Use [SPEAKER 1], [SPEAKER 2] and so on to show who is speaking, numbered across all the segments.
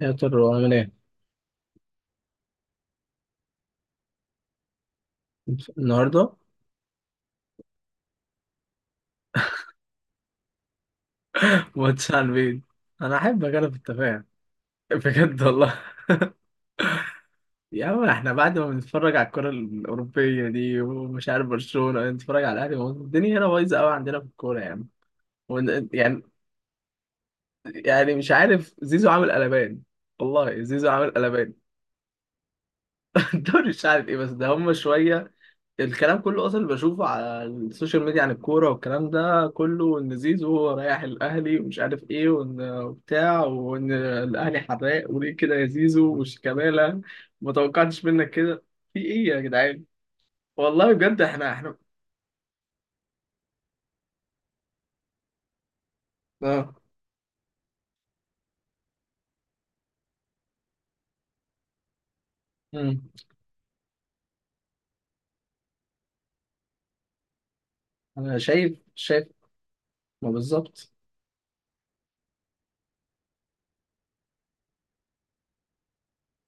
[SPEAKER 1] يا ترى عامل ايه؟ النهارده واتس على البيت. انا احب اجرب التفاهه بجد والله. يا عم احنا بعد ما بنتفرج على الكره الاوروبيه دي ومش عارف برشلونه نتفرج على الاهلي، ما هو الدنيا هنا بايظه قوي عندنا في الكوره يعني. يعني يعني مش عارف زيزو عامل قلبان، والله زيزو عامل قلبان. الدوري مش عارف ايه بس ده هم شويه. الكلام كله اصلا اللي بشوفه على السوشيال ميديا عن الكوره والكلام ده كله ان زيزو رايح الاهلي ومش عارف ايه، وان بتاع، وان الاهلي حراق وليه كده يا زيزو، وشيكابالا ما توقعتش منك كده. في ايه يا جدعان؟ والله بجد احنا. اه. أمم. انا شايف. ما بالظبط.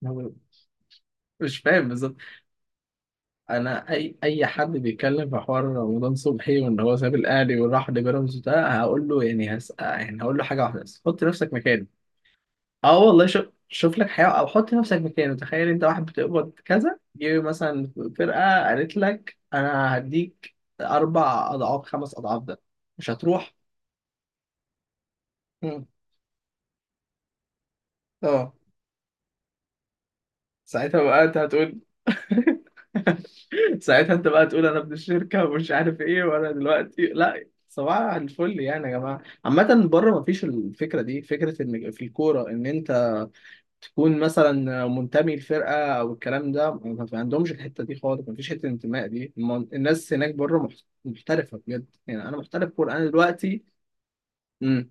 [SPEAKER 1] ما- مش فاهم بالظبط. انا اي حد بيتكلم في حوار رمضان صبحي وان هو ساب الاهلي وراح لبيراميدز، ده هقول له يعني هسأل، يعني هقول له حاجه واحده بس: حط نفسك مكاني. اه والله، شوف لك حيوان، او حط نفسك مكانه. تخيل انت واحد بتقبض كذا، جه مثلا فرقه قالت لك انا هديك اربع اضعاف، خمس اضعاف ده، مش هتروح؟ مم. اه. ساعتها بقى انت هتقول، ساعتها انت بقى تقول انا ابن الشركه ومش عارف ايه، وانا دلوقتي لا صباح الفل. يعني يا جماعه عامه بره ما فيش الفكره دي، فكره ان في الكوره ان انت تكون مثلا منتمي لفرقه او الكلام ده، ما في عندهمش الحته دي خالص، ما فيش حته الانتماء دي. الناس هناك بره محترفه بجد. يعني انا محترف كوره انا دلوقتي. امم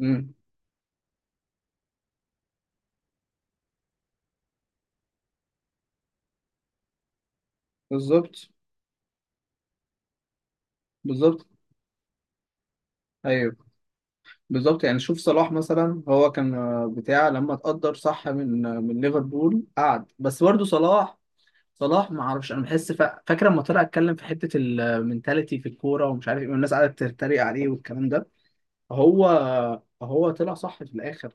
[SPEAKER 1] امم. بالظبط بالظبط. ايوه بالظبط. يعني شوف صلاح مثلا، هو كان بتاع لما اتقدر صح من من ليفربول قعد، بس برضه صلاح، صلاح ما اعرفش، انا بحس فاكر لما طلع اتكلم في حته المنتاليتي في الكوره ومش عارف ايه، والناس قعدت تتريق عليه والكلام ده، هو هو طلع صح في الاخر.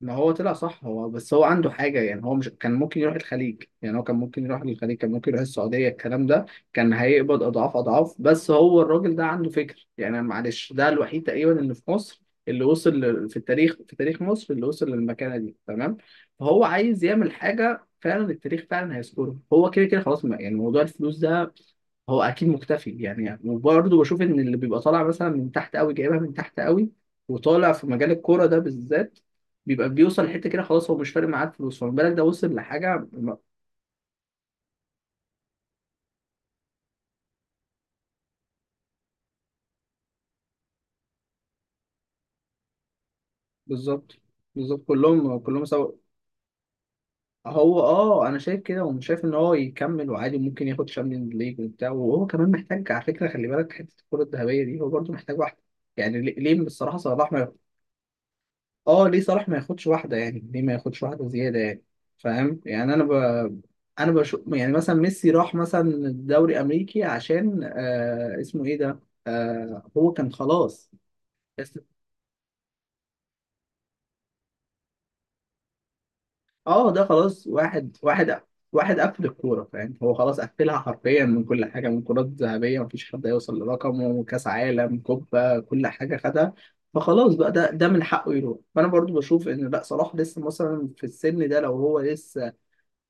[SPEAKER 1] ما هو طلع صح، هو بس هو عنده حاجة يعني، هو مش كان ممكن يروح الخليج، يعني هو كان ممكن يروح للخليج، كان ممكن يروح السعودية الكلام ده، كان هيقبض أضعاف أضعاف، بس هو الراجل ده عنده فكر يعني. معلش ده الوحيد تقريبا اللي في مصر اللي وصل في التاريخ، في تاريخ مصر اللي وصل للمكانة دي، تمام؟ فهو عايز يعمل حاجة، فعلا التاريخ فعلا هيذكره، هو كده كده خلاص. يعني موضوع الفلوس ده هو اكيد مختفي يعني. وبرضه بشوف ان اللي بيبقى طالع مثلا من تحت قوي، جايبها من تحت قوي، وطالع في مجال الكوره ده بالذات، بيبقى بيوصل لحته كده خلاص، هو مش فارق معاه الفلوس، فما بالك ده وصل لحاجه بالظبط. بالظبط كلهم سوا. هو اه انا شايف كده، ومش شايف ان هو يكمل وعادي ممكن ياخد شامبيونز ليج وبتاع، وهو كمان محتاج على فكره، خلي بالك، حته الكره الذهبيه دي هو برضه محتاج واحده. يعني ليه بصراحه صلاح، اه ليه صلاح ما ياخدش واحده، يعني ليه ما ياخدش واحده زياده يعني؟ فاهم يعني؟ انا ب... انا بشوف يعني، مثلا ميسي راح مثلا الدوري الامريكي عشان اسمه ايه ده، آه هو كان خلاص. بس- اه ده خلاص. واحد واحد واحد قفل الكوره، فاهم؟ هو خلاص قفلها حرفيا، من كل حاجه، من كرات ذهبيه مفيش حد هيوصل لرقمه، كاس عالم، كوبا، كل حاجه خدها. فخلاص بقى، ده من حقه يروح. فانا برضو بشوف ان لا، صلاح لسه مثلا في السن ده لو هو لسه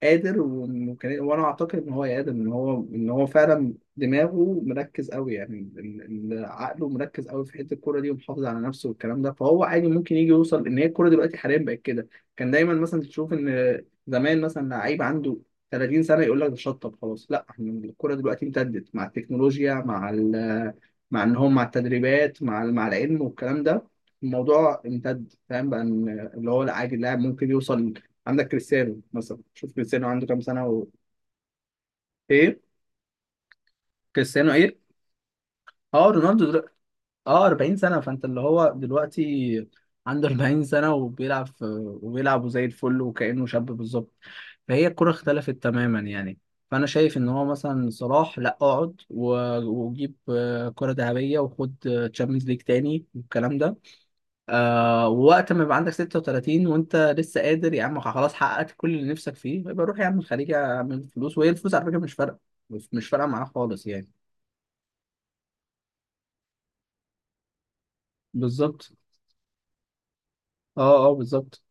[SPEAKER 1] قادر، وممكن، وانا اعتقد ان هو قادر، ان هو ان هو فعلا دماغه مركز قوي يعني، عقله مركز قوي في حته الكوره دي، ومحافظ على نفسه والكلام ده، فهو عادي ممكن يجي يوصل. ان هي الكوره دلوقتي حاليا بقت كده، كان دايما مثلا تشوف ان زمان مثلا لعيب عنده 30 سنه يقول لك ده شطب خلاص. لا، احنا الكوره دلوقتي امتدت مع التكنولوجيا، مع مع ان هم، مع التدريبات، مع مع العلم والكلام ده. الموضوع امتد، فاهم بقى؟ ان اللي هو عادي اللاعب ممكن يوصل. عندك كريستيانو مثلا، شوف كريستيانو عنده كام سنة و... ايه؟ كريستيانو ايه؟ اه رونالدو دل... اه 40 سنة. فانت اللي هو دلوقتي عنده 40 سنة، وبيلعب في... وبيلعب زي الفل وكأنه شاب، بالظبط. فهي الكرة اختلفت تماما يعني. فانا شايف ان هو مثلا صلاح لا، اقعد و... وجيب كرة ذهبية، وخد تشامبيونز ليج تاني والكلام ده، آه. ووقت ما يبقى عندك 36 وانت لسه قادر يا عم، خلاص حققت كل اللي نفسك فيه، يبقى روح يا عم الخليج اعمل فلوس. وهي الفلوس على فكره مش فارقه، مش فارقه معاه خالص يعني. بالظبط. اه بالظبط.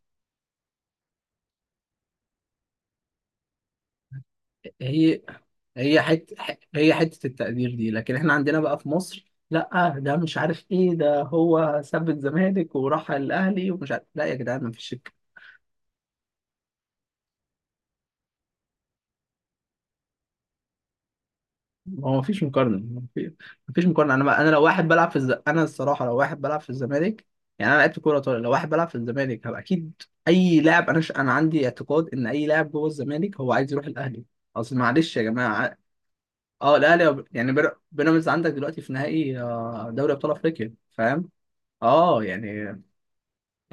[SPEAKER 1] هي هي حته هي حته التقدير دي. لكن احنا عندنا بقى في مصر لا، ده مش عارف ايه، ده هو ساب الزمالك وراح الاهلي ومش عارف. لا يا جدعان مفيش. هو مفيش مقارنة مفيش مقارنة. أنا لو واحد بلعب في الز... أنا الصراحة لو واحد بلعب في الزمالك، يعني أنا لعبت كورة طويلة، لو واحد بلعب في الزمالك هبقى أكيد أي لاعب. أنا ش... أنا عندي اعتقاد إن أي لاعب جوه الزمالك هو عايز يروح الأهلي. أصل معلش يا جماعة، أه الأهلي يعني بيراميدز عندك دلوقتي في نهائي دوري أبطال أفريقيا، فاهم؟ أه يعني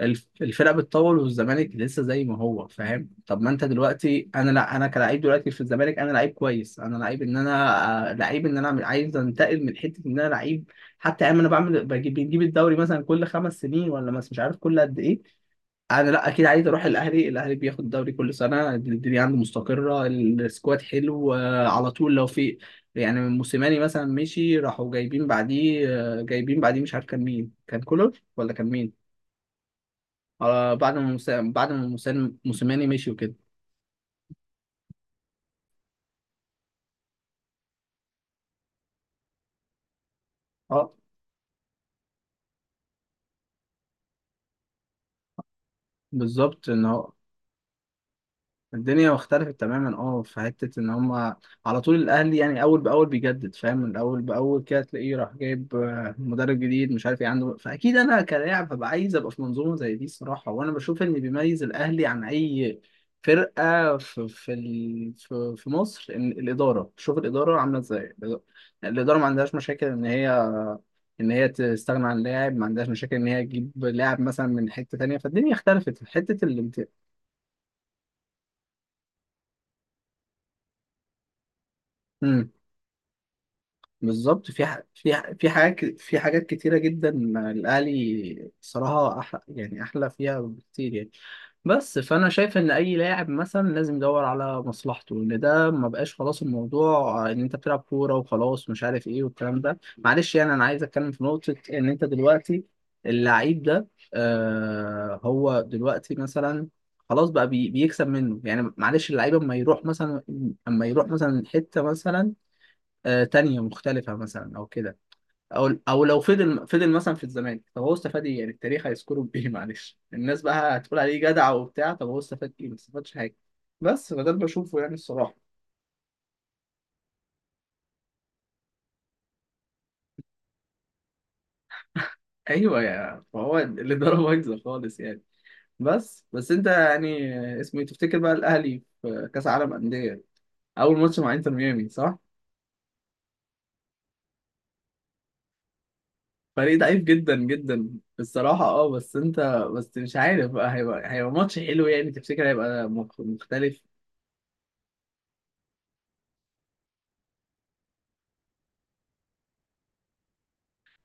[SPEAKER 1] الفرق بتطول، والزمالك لسه زي ما هو، فاهم؟ طب ما انت دلوقتي، انا لا، انا كلاعب دلوقتي في الزمالك، انا لعيب كويس، انا لعيب ان انا لعيب ان انا عايز انتقل من حته ان انا لعيب. حتى ايام انا بعمل بجيب بنجيب الدوري مثلا كل خمس سنين ولا مش عارف كل قد ايه. انا لا اكيد عايز اروح الاهلي. الاهلي بياخد الدوري كل سنه، الدنيا عنده مستقره، السكواد حلو، على طول لو في يعني موسيماني مثلا مشي راحوا جايبين بعديه، جايبين بعديه مش عارف كان مين، كان كولر ولا كان مين؟ آه بعد ما بعد ما موسيماني مشي وكده. اه بالظبط ان هو الدنيا اختلفت تماما. اه في حته ان هم على طول الاهلي يعني اول باول بيجدد، فاهم؟ الاول باول كده تلاقيه راح جايب مدرب جديد مش عارف ايه عنده. فاكيد انا كلاعب هبقى عايز ابقى في منظومه زي دي الصراحه. وانا بشوف ان بيميز الاهلي عن اي فرقه في في ال- في في مصر، ان الاداره، شوف الاداره عامله ازاي، الاداره، الإدارة ما عندهاش مشاكل ان هي ان هي تستغنى عن لاعب، ما عندهاش مشاكل ان هي تجيب لاعب مثلا من حته تانيه. فالدنيا اختلفت في حته الامتياز. بالظبط، في حاجات، في حاجات كتيرة جدا الأهلي صراحة أحلى، يعني أحلى فيها بكتير يعني. بس فأنا شايف إن أي لاعب مثلا لازم يدور على مصلحته، إن ده ما بقاش خلاص الموضوع إن أنت بتلعب كورة وخلاص مش عارف إيه والكلام ده. معلش يعني أنا عايز أتكلم في نقطة، إن أنت دلوقتي اللعيب ده، آه هو دلوقتي مثلا خلاص بقى بي... بيكسب منه يعني. معلش اللعيب أما يروح مثلا، أما يروح مثلا حتة مثلا تانية مختلفة مثلا أو كده، أو لو فضل مثلا في الزمالك، طب هو استفاد إيه؟ يعني التاريخ هيذكره بإيه؟ معلش الناس بقى هتقول عليه جدع وبتاع، طب هو استفاد إيه؟ ما استفادش حاجة. بس فده اللي بشوفه يعني الصراحة. أيوه، يا فهو الإدارة بايظة خالص يعني. بس أنت يعني اسمه إيه؟ تفتكر بقى الأهلي في كأس العالم أندية أول ماتش مع إنتر ميامي، صح؟ فريق ضعيف جدا جدا الصراحة، اه. بس انت، بس مش عارف بقى هيبقى ماتش حلو يعني. تفتكر هيبقى مختلف؟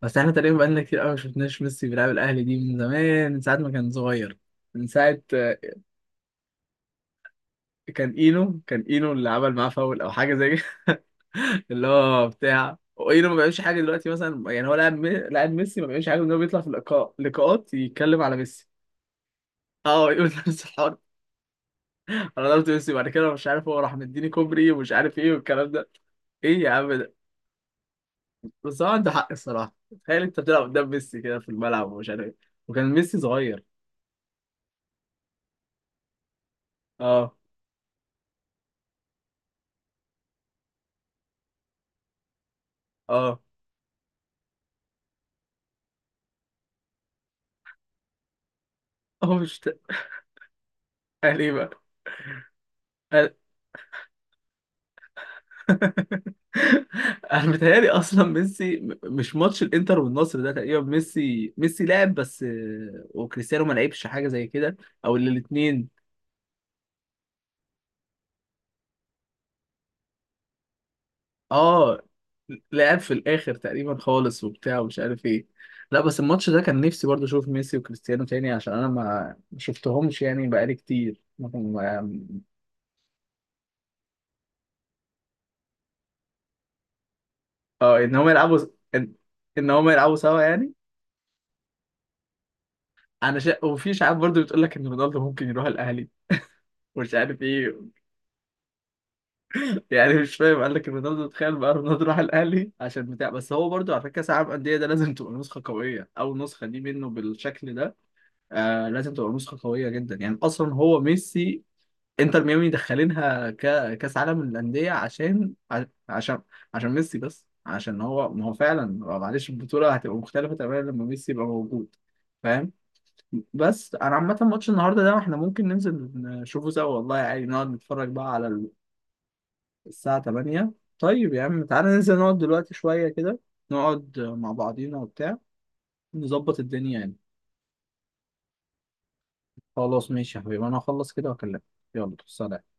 [SPEAKER 1] بس احنا تقريبا بقالنا كتير قوي ما شفناش ميسي بيلعب الاهلي دي، من زمان، من ساعه ما كان صغير، من ساعه كان اينو اللي عمل معاه فاول او حاجه زي كده. اللي هو بتاع اينو ما بيعملش حاجه دلوقتي مثلا يعني. هو لاعب لاعب ميسي، ما بيعملش حاجه، ان هو بيطلع في اللقاء، لقاءات يتكلم على ميسي. اه يقول نفس الحوار: انا ضربت ميسي بعد كده مش عارف، هو راح مديني كوبري ومش عارف ايه والكلام ده. ايه يا عم ده؟ بس هو عنده حق الصراحه، تخيل انت بتلعب قدام ميسي كده في الملعب ومش عارف ايه، وكان ميسي صغير. اه اه. هو مش اهلي بقى؟ أهل- انا متهيألي اصلا ميسي مش ماتش الانتر والنصر ده تقريبا ميسي لعب بس وكريستيانو ما لعبش حاجه زي كده. او الاثنين، اه، لعب في الاخر تقريبا خالص وبتاع ومش عارف ايه. لا بس الماتش ده كان نفسي برضه اشوف ميسي وكريستيانو تاني، عشان انا ما شفتهمش يعني بقالي كتير اه ان هم يلعبوا، ان إن هم يلعبوا سوا يعني. انا شا... وفي اشاعات برضه بتقول لك ان رونالدو ممكن يروح الاهلي مش عارف ايه، يعني مش فاهم، قال لك رونالدو. تخيل بقى رونالدو راح الاهلي عشان بتاع. بس هو برضو على فكره كاس العالم انديه ده لازم تبقى نسخه قويه، اول نسخه دي منه بالشكل ده، آه لازم تبقى نسخه قويه جدا يعني، اصلا هو ميسي، انتر ميامي دخلينها كاس عالم الانديه عشان عشان عشان ميسي بس، عشان هو ما هو فعلا، معلش البطوله هتبقى مختلفه تماما لما ميسي يبقى موجود، فاهم؟ بس انا عامه ماتش النهارده ده احنا ممكن ننزل نشوفه سوا والله، يعني نقعد نتفرج بقى على الساعة 8. طيب يا عم تعالى ننزل نقعد دلوقتي شوية كده، نقعد مع بعضينا وبتاع، نظبط الدنيا يعني. خلاص ماشي يا حبيبي، أنا هخلص كده وأكلمك. يلا سلام.